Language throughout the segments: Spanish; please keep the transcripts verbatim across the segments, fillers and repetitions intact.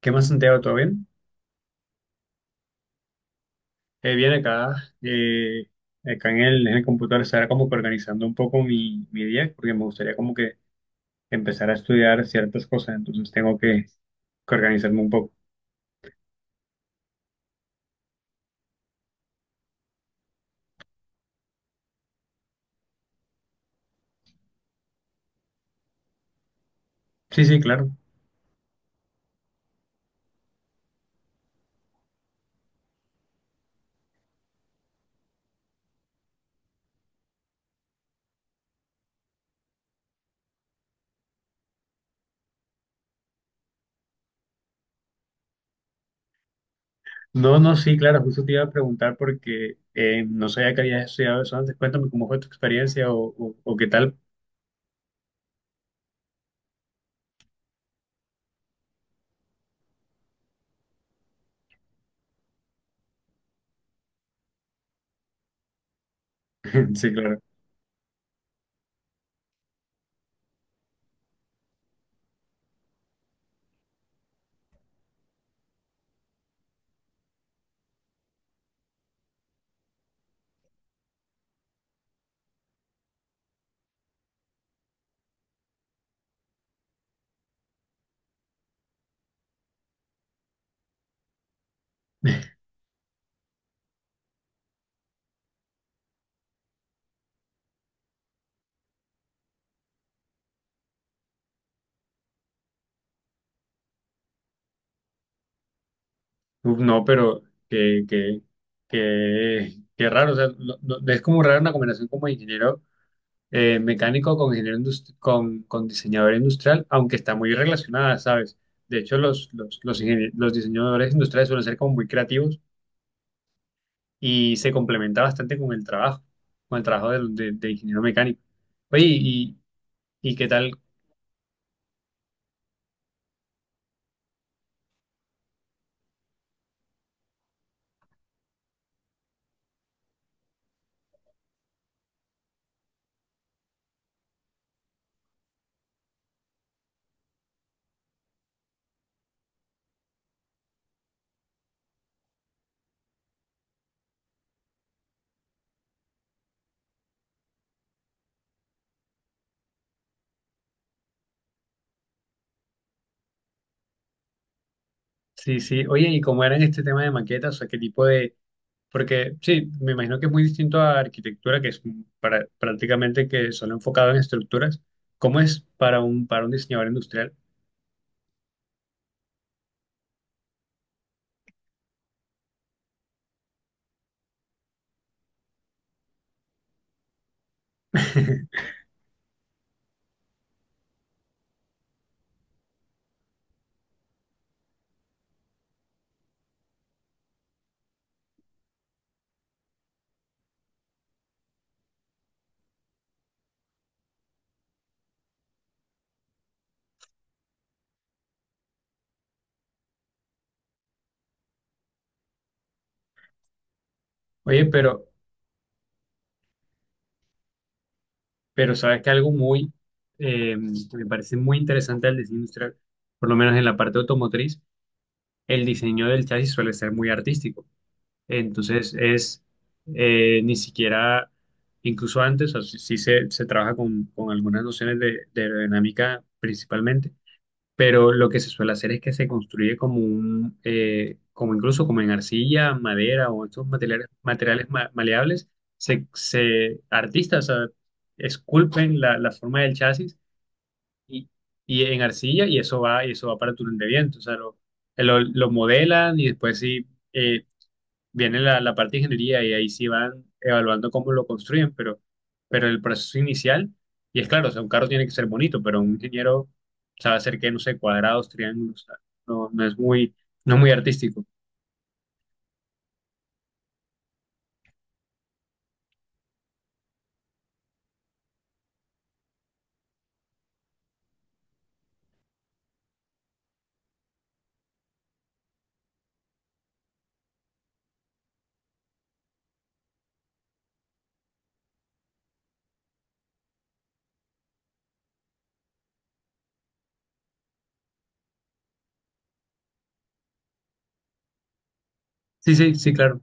¿Qué más, Santiago? ¿Todo bien? Eh, bien, acá, eh, acá en el, en el computador estará como que organizando un poco mi, mi día, porque me gustaría como que empezar a estudiar ciertas cosas, entonces tengo que, que organizarme un poco. Sí, sí, claro. No, no, sí, claro, justo te iba a preguntar porque eh, no sabía que habías estudiado eso antes. Cuéntame cómo fue tu experiencia o, o, o qué tal. Sí, claro. Uf, no, pero que, que, que, que raro, o sea, no- no- es como raro una combinación como ingeniero eh, mecánico con ingeniero indust- con, con diseñador industrial, aunque está muy relacionada, ¿sabes? De hecho, los, los, los, ingenie- los diseñadores industriales suelen ser como muy creativos y se complementa bastante con el trabajo, con el trabajo del- de, de ingeniero mecánico. Oye, ¿y, y qué tal? Sí, sí, oye, ¿y cómo era en este tema de maquetas? O sea, ¿qué tipo de...? Porque sí, me imagino que es muy distinto a arquitectura, que es un- para, prácticamente que solo enfocado en estructuras. ¿Cómo es para un, para un diseñador industrial? Oye, pero, Pero sabes que algo muy, eh, que me parece muy interesante del diseño industrial, por lo menos en la parte automotriz, el diseño del chasis suele ser muy artístico. Entonces es eh, ni siquiera, incluso antes, o sea, sí sí se, se trabaja con, con algunas nociones de, de aerodinámica principalmente, pero lo que se suele hacer es que se construye como un, eh, como incluso como en arcilla, madera o estos materiales, materiales ma- maleables, se, se- artistas, o sea, esculpen la, la forma del chasis y, y en arcilla y eso va, y eso va para el túnel de viento, o sea, lo, lo, lo modelan y después sí eh, viene la, la parte de ingeniería y ahí sí van evaluando cómo lo construyen, pero, pero el proceso inicial, y es claro, o sea, un carro tiene que ser bonito, pero un ingeniero sabe hacer que, no sé, cuadrados, triángulos, o sea, no, no es muy, no es muy artístico. Sí, sí, sí, claro.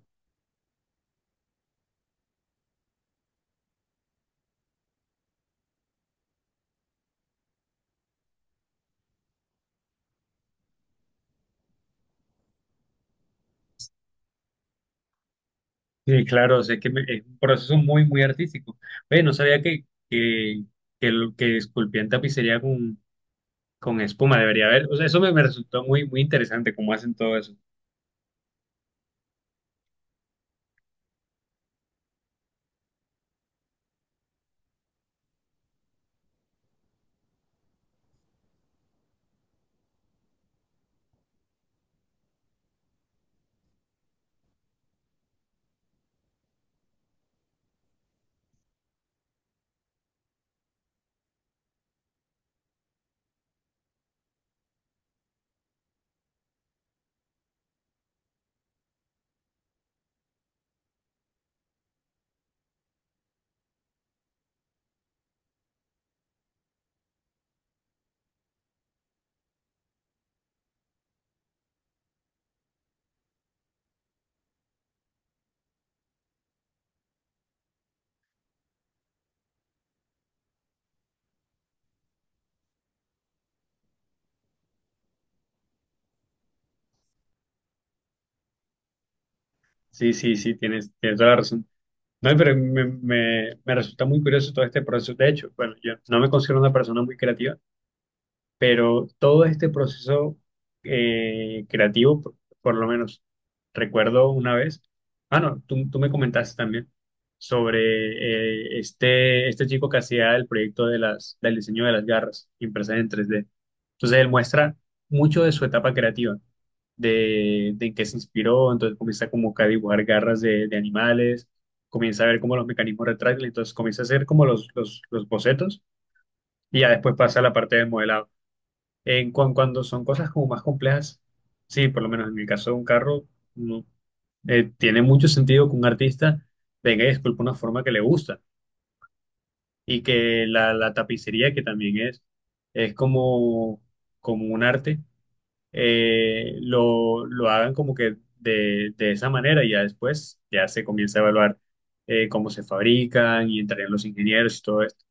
Sí, claro, o sea, que me- es un proceso muy, muy artístico. Oye, no sabía que, que, que, lo- que esculpían tapicería con, con espuma, debería haber. O sea, eso me, me resultó muy, muy interesante cómo hacen todo eso. Sí, sí, sí, tienes, tienes toda la razón. No, pero me, me, me resulta muy curioso todo este proceso. De hecho, bueno, yo no me considero una persona muy creativa, pero todo este proceso eh, creativo, por, por lo menos recuerdo una vez, ah, no, tú, tú me comentaste también sobre eh, este, este chico que hacía el proyecto de las, del diseño de las garras impresas en tres d. Entonces él muestra mucho de su etapa creativa, de, de en qué se inspiró, entonces comienza como que a dibujar garras de, de animales, comienza a ver como los mecanismos retráctiles, entonces comienza a hacer como los, los, los bocetos y ya después pasa a la parte del modelado. En cuan- cuando son cosas como más complejas, sí, por lo menos en el caso de un carro, no, eh, tiene mucho sentido que un artista venga y esculpa una forma que le gusta y que la, la tapicería, que también es, es como, como un arte, eh, lo, lo hagan como que de, de esa manera y ya después ya se comienza a evaluar eh, cómo se fabrican y entrarían los ingenieros y todo esto.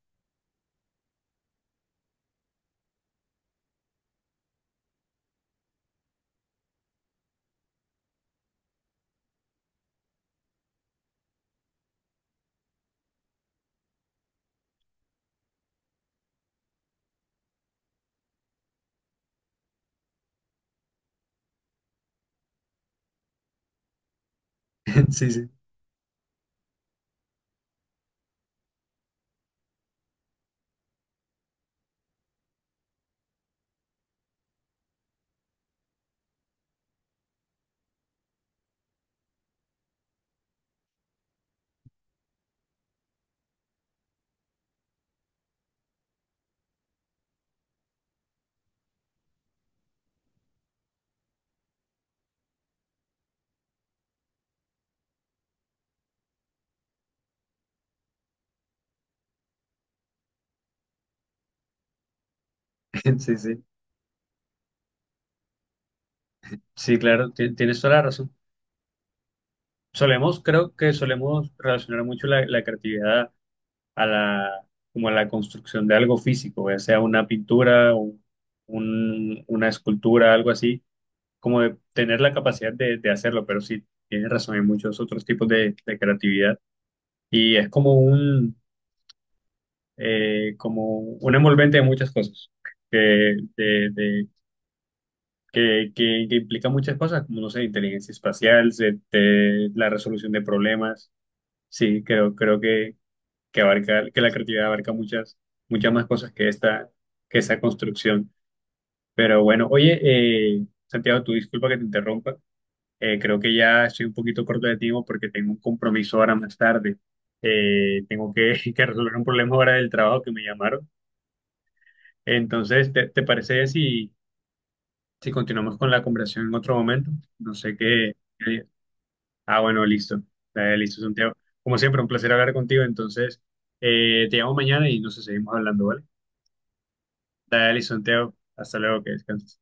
Sí, sí, sí, sí. Sí, claro, ti- tienes toda la razón. Solemos, creo que solemos relacionar mucho la, la creatividad a la, como a la construcción de algo físico, ya sea una pintura, un- un- una escultura, algo así, como de tener la capacidad de, de hacerlo, pero sí, tienes razón, hay muchos otros tipos de, de creatividad y es como un, eh, como un envolvente de muchas cosas, que, de- de- que, que- que implica muchas cosas, como, no sé, inteligencia espacial, se- te- la resolución de problemas. Sí, creo, creo que, que abarca, que la creatividad abarca muchas, muchas más cosas que esta, que esa construcción. Pero bueno, oye, eh, Santiago, tu disculpa que te interrumpa. Eh, creo que ya estoy un poquito corto de tiempo porque tengo un compromiso ahora más tarde. Eh, tengo que, que resolver un problema ahora del trabajo que me llamaron. Entonces, ¿te, te parece si, si continuamos con la conversación en otro momento? No sé qué. qué- Ah, bueno, listo. Eh, listo, Santiago. Como siempre, un placer hablar contigo. Entonces, eh, te llamo mañana y nos seguimos hablando, ¿vale? Dale, Santiago. Hasta luego, que descanses.